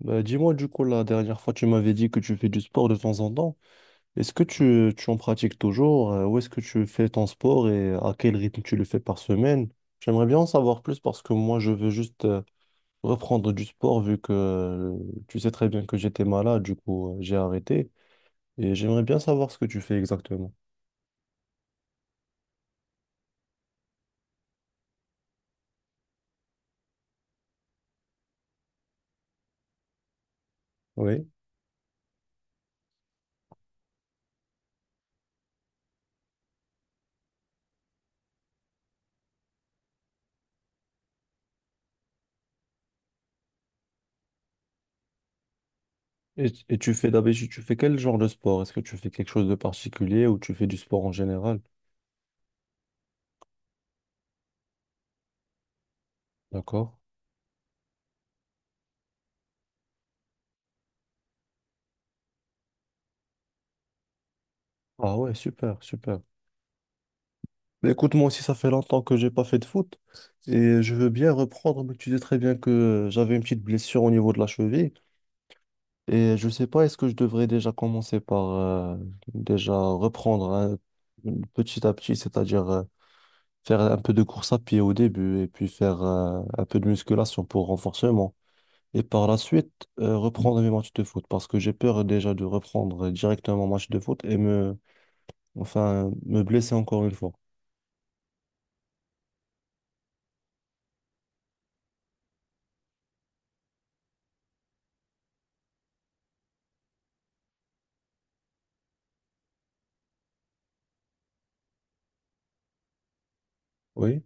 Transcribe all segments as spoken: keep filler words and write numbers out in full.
Bah, dis-moi du coup, la dernière fois, tu m'avais dit que tu fais du sport de temps en temps. Est-ce que tu, tu en pratiques toujours? euh, Où est-ce que tu fais ton sport et à quel rythme tu le fais par semaine? J'aimerais bien en savoir plus parce que moi, je veux juste euh, reprendre du sport vu que euh, tu sais très bien que j'étais malade, du coup, euh, j'ai arrêté. Et j'aimerais bien savoir ce que tu fais exactement. Oui. Et, et tu fais d'habitude, tu fais quel genre de sport? Est-ce que tu fais quelque chose de particulier ou tu fais du sport en général? D'accord. Ah ouais, super, super. Mais écoute, moi aussi, ça fait longtemps que j'ai pas fait de foot et je veux bien reprendre, mais tu sais très bien que euh, j'avais une petite blessure au niveau de la cheville et je sais pas, est-ce que je devrais déjà commencer par euh, déjà reprendre, hein, petit à petit, c'est-à-dire euh, faire un peu de course à pied au début et puis faire euh, un peu de musculation pour renforcement et par la suite euh, reprendre mes matchs de foot parce que j'ai peur déjà de reprendre directement un match de foot et me, enfin, me blesser encore une fois. Oui.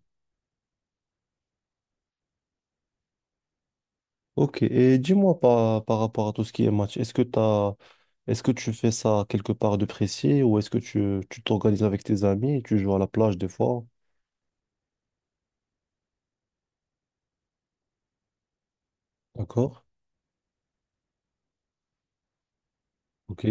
Ok, et dis-moi par, par rapport à tout ce qui est match, est-ce que t'as, est-ce que tu fais ça quelque part de précis ou est-ce que tu tu t'organises avec tes amis et tu joues à la plage des fois? D'accord? Ok.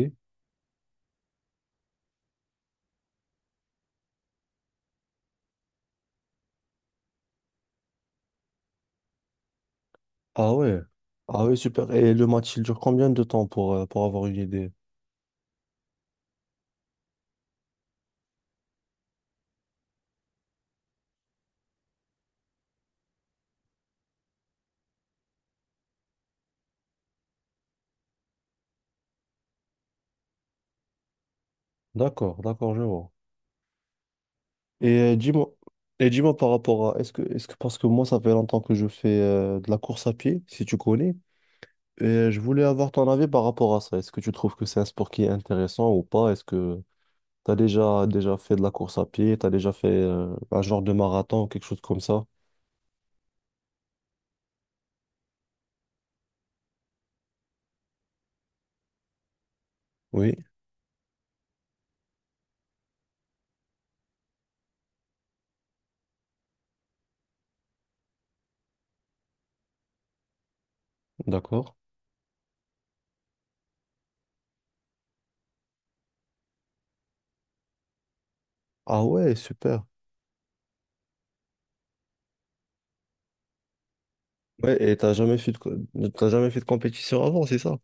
Ah ouais. Ah ouais, super. Et le match, il dure combien de temps pour, euh, pour avoir une idée? D'accord, d'accord, je vois. Et euh, dis-moi, et dis-moi par rapport à, est-ce que, est-ce que, parce que moi, ça fait longtemps que je fais euh, de la course à pied, si tu connais, et je voulais avoir ton avis par rapport à ça. Est-ce que tu trouves que c'est un sport qui est intéressant ou pas? Est-ce que T'as déjà, déjà fait de la course à pied, t'as déjà fait euh, un genre de marathon ou quelque chose comme ça? Oui, d'accord. Ah ouais, super. Ouais, et t'as jamais fait de, co- t'as jamais fait de compétition avant, c'est ça?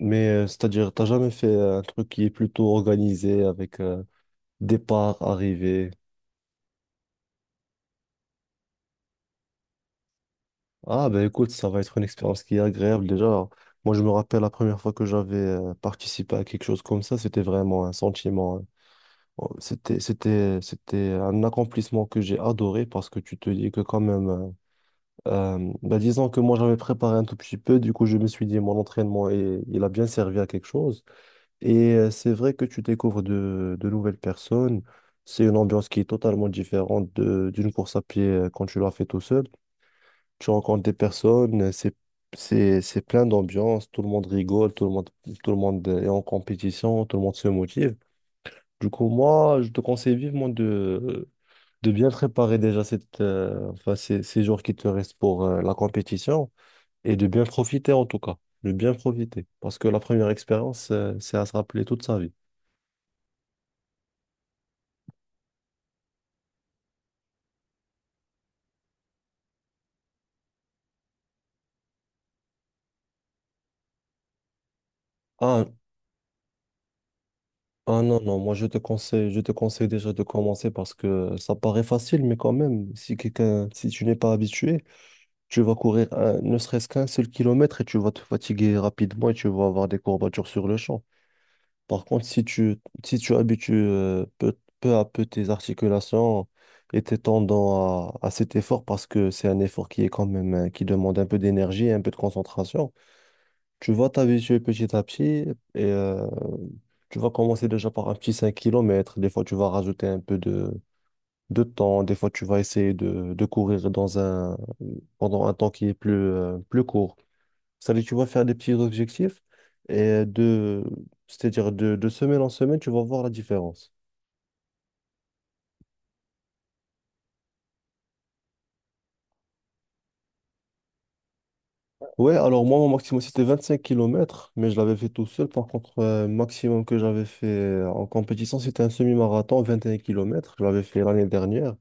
Mais euh, c'est-à-dire, t'as jamais fait un truc qui est plutôt organisé avec euh, départ, arrivée. Ah ben écoute, ça va être une expérience qui est agréable déjà. Moi, je me rappelle la première fois que j'avais euh, participé à quelque chose comme ça, c'était vraiment un sentiment, hein. Oh, C'était, c'était, c'était un accomplissement que j'ai adoré parce que tu te dis que quand même, euh, euh, bah, disons que moi j'avais préparé un tout petit peu, du coup je me suis dit mon entraînement et il a bien servi à quelque chose. Et euh, c'est vrai que tu découvres de, de nouvelles personnes, c'est une ambiance qui est totalement différente de, d'une course à pied euh, quand tu l'as fait tout seul. Tu rencontres des personnes, euh, c'est, c'est, c'est plein d'ambiance, tout le monde rigole, tout le monde, tout le monde est en compétition, tout le monde se motive. Du coup, moi, je te conseille vivement de, de bien préparer déjà cette, euh, enfin, ces, ces jours qui te restent pour euh, la compétition et de bien profiter en tout cas, de bien profiter. Parce que la première expérience, euh, c'est à se rappeler toute sa vie. Ah, ah non, non, moi je te conseille, je te conseille déjà de commencer parce que ça paraît facile, mais quand même, si quelqu'un, si tu n'es pas habitué, tu vas courir un- ne serait-ce qu'un seul kilomètre et tu vas te fatiguer rapidement et tu vas avoir des courbatures sur le champ. Par contre, si tu, si tu habitues euh, peu, peu à peu tes articulations et tes tendons à, à cet effort, parce que c'est un effort qui est quand même, euh, qui demande un peu d'énergie et un peu de concentration, tu vas t'habituer petit à petit et euh, tu vas commencer déjà par un petit cinq kilomètres. Des fois, tu vas rajouter un peu de, de temps. Des fois, tu vas essayer de, de courir dans un, pendant un temps qui est plus, euh, plus court. Ça veut dire tu vas faire des petits objectifs et de, c'est-à-dire de, de semaine en semaine, tu vas voir la différence. Ouais, alors moi, mon maximum, c'était vingt-cinq kilomètres mais je l'avais fait tout seul. Par contre, euh, maximum que j'avais fait euh, en compétition, c'était un semi-marathon, vingt et un kilomètres. Je l'avais fait l'année dernière.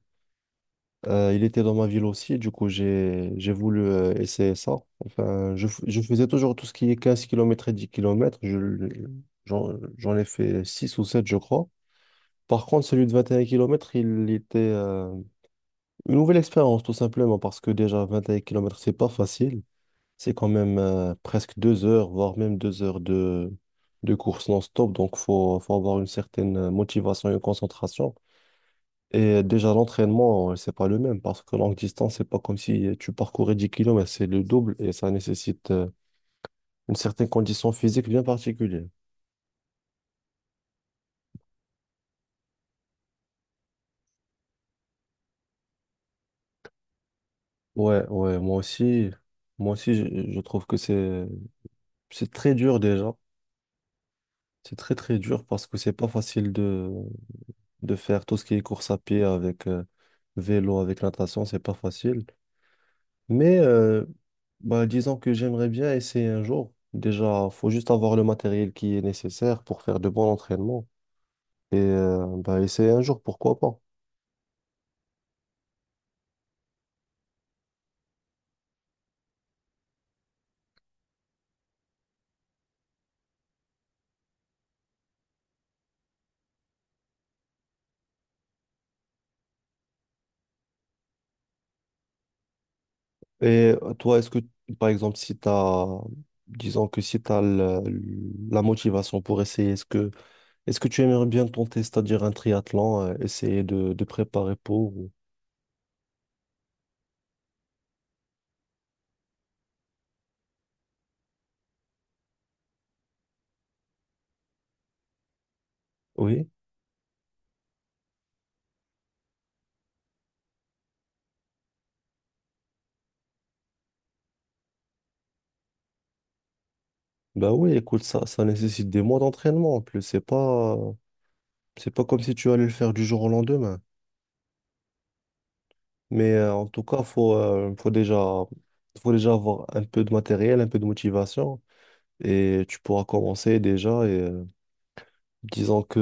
Euh, il était dans ma ville aussi, du coup, j'ai, j'ai voulu euh, essayer ça. Enfin, je, f- je faisais toujours tout ce qui est quinze kilomètres et dix kilomètres. Je, l- j'en, j'en ai fait six ou sept je crois. Par contre, celui de vingt et un kilomètres, il était... euh, une nouvelle expérience, tout simplement, parce que déjà vingt et un kilomètres c'est pas facile. C'est quand même euh, presque deux heures, voire même deux heures de, de course non-stop. Donc, faut, faut avoir une certaine euh, motivation et une concentration. Et euh, déjà, l'entraînement, euh, c'est pas le même, parce que longue distance, c'est pas comme si euh, tu parcourais dix kilomètres, c'est le double et ça nécessite euh, une certaine condition physique bien particulière. Ouais, ouais, moi aussi, moi aussi, je, je trouve que c'est, c'est, très dur déjà. C'est très, très dur parce que c'est pas facile de de faire tout ce qui est course à pied avec euh, vélo, avec natation, c'est pas facile. Mais euh, bah, disons que j'aimerais bien essayer un jour. Déjà, faut juste avoir le matériel qui est nécessaire pour faire de bons entraînements. Et euh, bah, essayer un jour, pourquoi pas. Et euh, toi, est-ce que, par exemple, si tu as, disons que si tu as la, la motivation pour essayer, est-ce que, est-ce que tu aimerais bien tenter, c'est-à-dire un triathlon, euh, essayer de, de préparer pour... ou- Oui. Bah oui, écoute, ça, ça nécessite des mois d'entraînement en plus. C'est pas, c'est pas comme si tu allais le faire du jour au lendemain. Mais euh, en tout cas, faut, euh, faut déjà, faut déjà avoir un peu de matériel, un peu de motivation. Et tu pourras commencer déjà. Et euh, disons que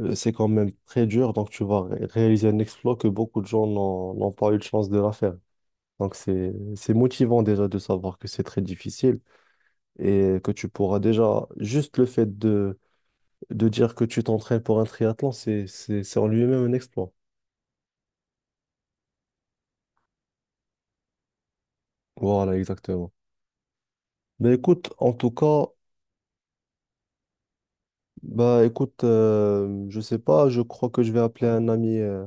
euh, c'est quand même très dur, donc tu vas ré- réaliser un exploit que beaucoup de gens n'ont n'ont pas eu de chance de la faire. Donc c'est, c'est motivant déjà de savoir que c'est très difficile et que tu pourras déjà, juste le fait de dire que tu t'entraînes pour un triathlon, c'est, c'est, c'est en lui-même un exploit. Voilà, exactement. Ben écoute, en tout cas, Bah écoute, euh, je sais pas, je crois que je vais appeler un ami. euh,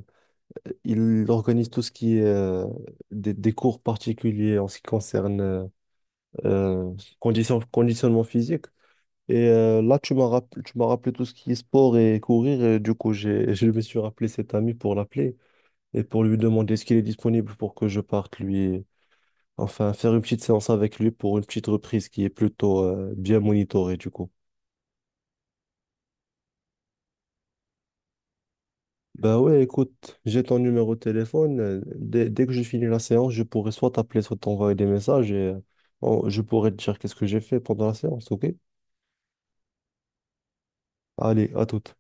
Il organise tout ce qui est euh, des, des cours particuliers en ce qui concerne euh, euh, condition- conditionnement physique. Et euh, là, tu m'as rappelé, tu m'as rappelé tout ce qui est sport et courir. Et du coup, j'ai, je me suis rappelé cet ami pour l'appeler et pour lui demander ce qu'il est disponible pour que je parte lui, enfin, faire une petite séance avec lui pour une petite reprise qui est plutôt euh, bien monitorée, du coup. Bah ouais, écoute, j'ai ton numéro de téléphone. Euh, Dès, dès que je finis la séance, je pourrai soit t'appeler, soit t'envoyer des messages et euh, on- je pourrai te dire qu'est-ce que j'ai fait pendant la séance, ok? Allez, à toute.